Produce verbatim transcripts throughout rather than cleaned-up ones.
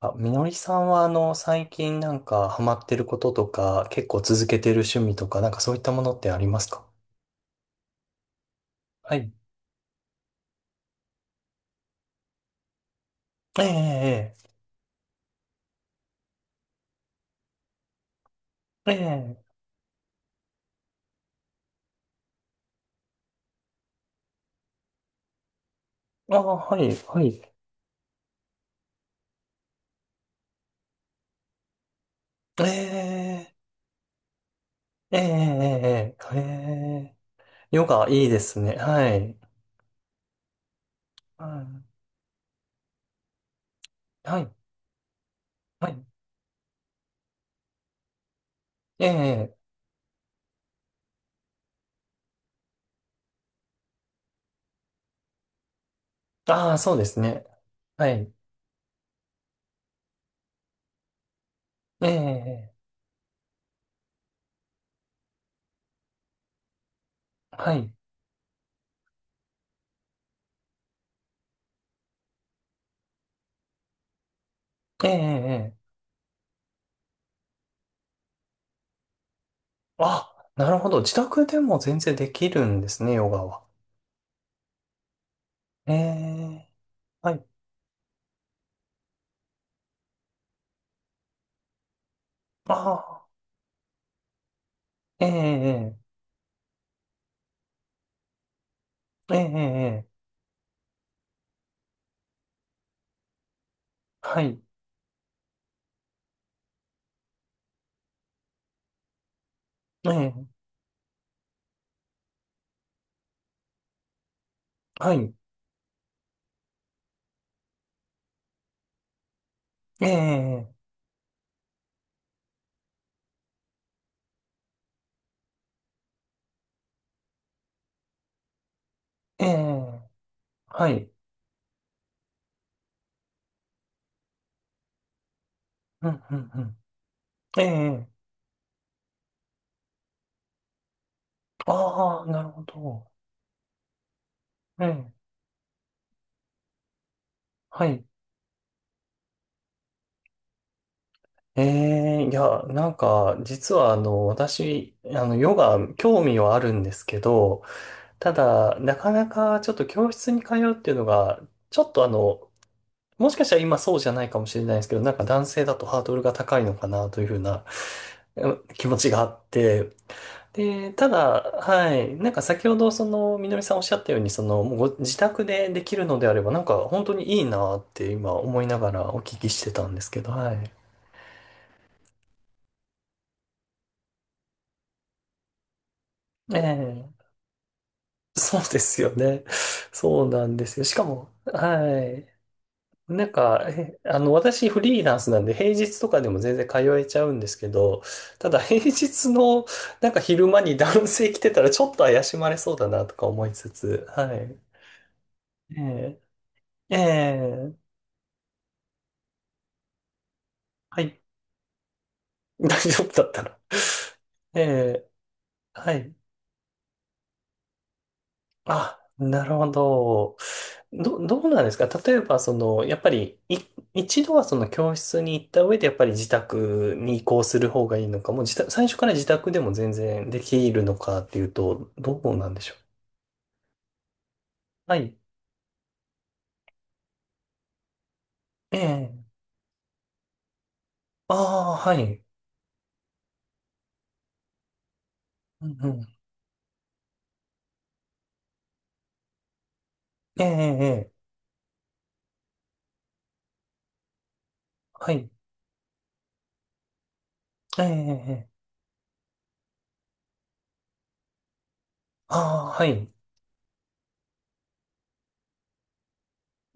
あ、みのりさんはあの、最近なんかハマってることとか、結構続けてる趣味とか、なんかそういったものってありますか？はい。ええ、ええ、ええ、ああ、はい、はい。ええ、ええ、ええ、ええ、ええ、ヨガいいですね。はい。うん、はい、はい。ええ、ああ、そうですね。はい。ええ、はい。ええ、ええ、あ、なるほど。自宅でも全然できるんですね、ヨガは。ええ、はい。ああ。ええ、ええ、ええ、ええ、はい、ええ、はい、ええ、ええ、はい、うん、うん、うん、ええ、ああ、なるほど、ええ、はい、ええ、いや、なんか、実は、あの、私、あの、ヨガ、興味はあるんですけど、ただ、なかなか、ちょっと教室に通うっていうのが、ちょっと、あの、もしかしたら今そうじゃないかもしれないですけど、なんか男性だとハードルが高いのかなというふうな、え気持ちがあって、で、ただ、はい、なんか先ほどそのみのりさんおっしゃったように、そのもうご自宅でできるのであれば、なんか本当にいいなって今思いながらお聞きしてたんですけど、はい。ええ、そうですよね。そうなんですよ。しかも、はい。なんか、えあの、私フリーランスなんで平日とかでも全然通えちゃうんですけど、ただ平日のなんか昼間に男性来てたらちょっと怪しまれそうだなとか思いつつ、はい。ええ、ええ、はい。大丈夫だったら。ええ、はい。あ、なるほど。ど、どうなんですか、例えば、その、やっぱり、い、一度はその教室に行った上で、やっぱり自宅に移行する方がいいのか、もう自宅、最初から自宅でも全然できるのかっていうと、どうなんでしょう？はい。ええ。ああ、はい。うんうん。ええ、ええ、ええ、はい。ええ、ええ。ええ、ああ、はい。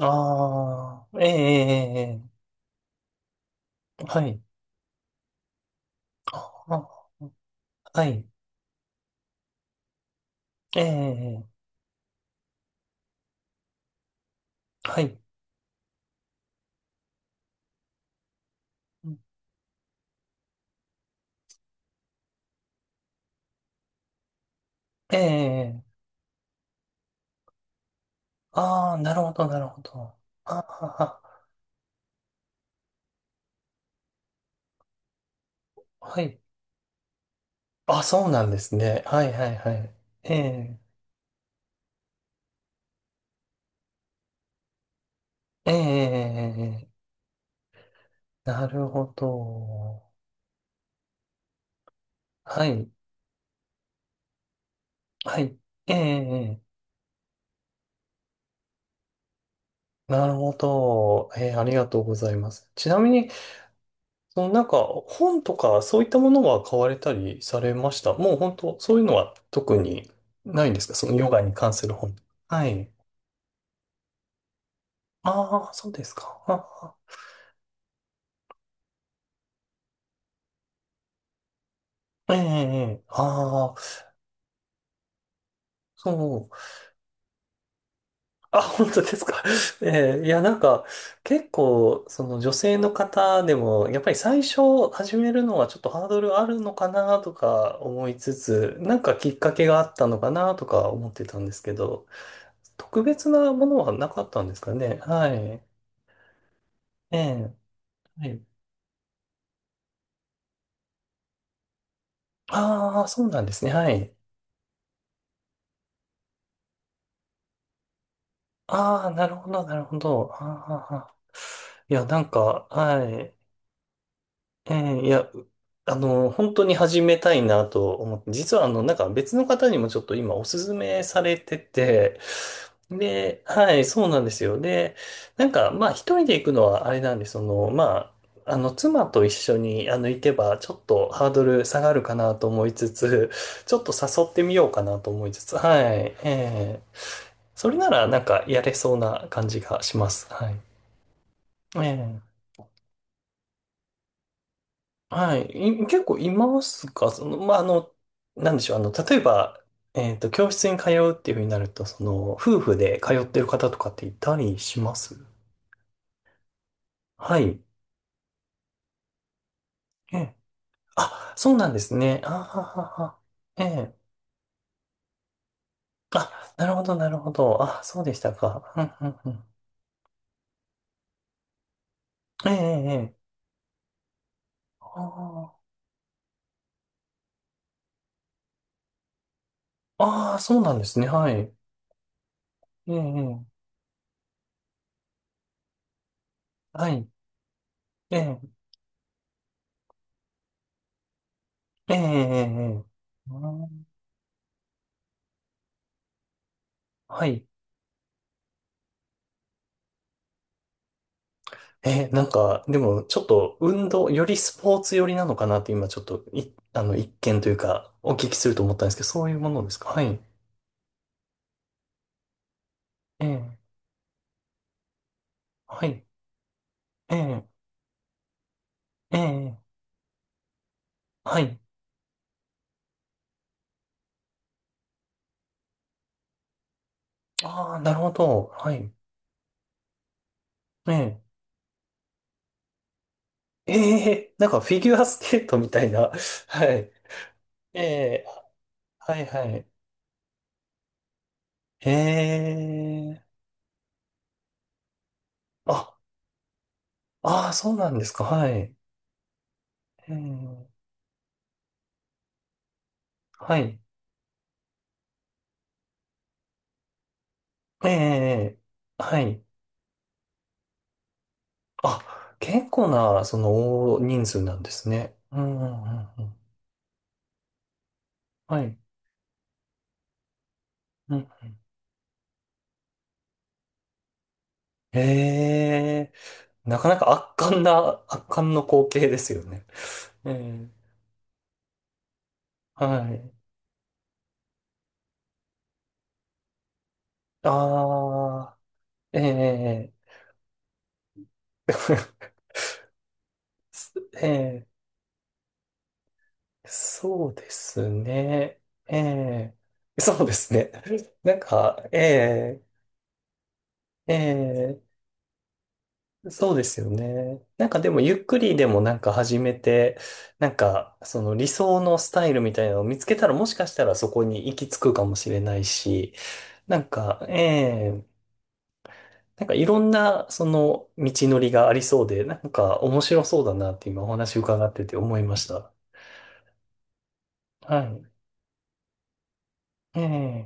ああ、ええ、ええ、ええ、はい。ああ、はい。ええ、ええ、はい。うん、ええ、ああー、なるほど、なるほど。ああ、はい。あ、そうなんですね。はい、はい、はい。ええ、ええ、ええ、なるほど。はい、はい。ええ、なるほど。ええ、ありがとうございます。ちなみに、そのなんか、本とか、そういったものは買われたりされました？もう本当、そういうのは特にないんですか、そのヨガに関する本。はい。ああ、そうですか。ええ、ええ、ああ、そう。あ、本当ですか。ええ、いや、なんか、結構、その女性の方でも、やっぱり最初始めるのはちょっとハードルあるのかなとか思いつつ、なんかきっかけがあったのかなとか思ってたんですけど、特別なものはなかったんですかね。はい。ええ、はい。ああ、そうなんですね。はい。ああ、なるほど、なるほど。ああ、いや、なんか、はい。ええ、いや、うあの、本当に始めたいなと思って、実はあの、なんか別の方にもちょっと今おすすめされてて、で、はい、そうなんですよ。で、なんか、まあ一人で行くのはあれなんで、その、まあ、あの、妻と一緒に、あの、行けば、ちょっとハードル下がるかなと思いつつ、ちょっと誘ってみようかなと思いつつ、はい、ええ、それなら、なんか、やれそうな感じがします。はい。ええ、はい。い結構いますか、その、まあ、あの、なんでしょう。あの、例えば、えっと、教室に通うっていうふうになると、その、夫婦で通ってる方とかっていたりします？はい。ええ。あ、そうなんですね。あははは。ええ。あ、なるほど、なるほど。あ、そうでしたか。うん、うん、うん。ええ、ええ。ええ、ああ、ああ、そうなんですね。はい。ええ、ええ、はい。ええ、ええ、ええ。ええ、うん、はい。えー、なんか、でも、ちょっと、運動、よりスポーツ寄りなのかなって、今、ちょっと、い、あの、一見というか、お聞きすると思ったんですけど、そういうものですか？はい。ええ、はい。ええ、ええ、はい。ああ、なるほど。はい。ええ、ええ、なんか、フィギュアスケートみたいな。はい。ええ、はい、はい。ええ、あ、ああ、そうなんですか。はい。ええ、はい。ええ、はい。あ、結構な、その、大人数なんですね。うんうんうんうん。はい。うん。ええ、なかなか圧巻な、圧巻の光景ですよね。ええ、はい。ああ、ええ、ええ、そうですね。ええ、そうですね。なんか、ええ、ええ、そうですよね。なんかでもゆっくりでもなんか始めて、なんかその理想のスタイルみたいなのを見つけたら、もしかしたらそこに行き着くかもしれないし、なんか、ええ、なんかいろんなその道のりがありそうで、なんか面白そうだなって今お話伺ってて思いました。はい。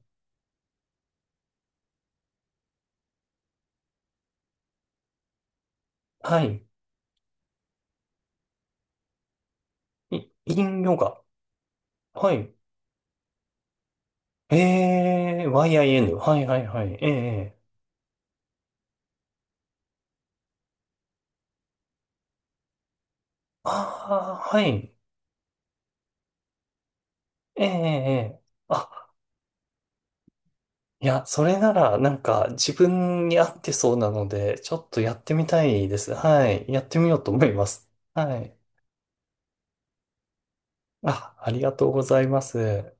ええ、はい。い、インヨガ。はい。ええ、 イン。はいはいはい。ええ、ああー、はい。ええ、ええ。あいや、それなら、なんか、自分に合ってそうなので、ちょっとやってみたいです。はい。やってみようと思います。はい。あ、ありがとうございます。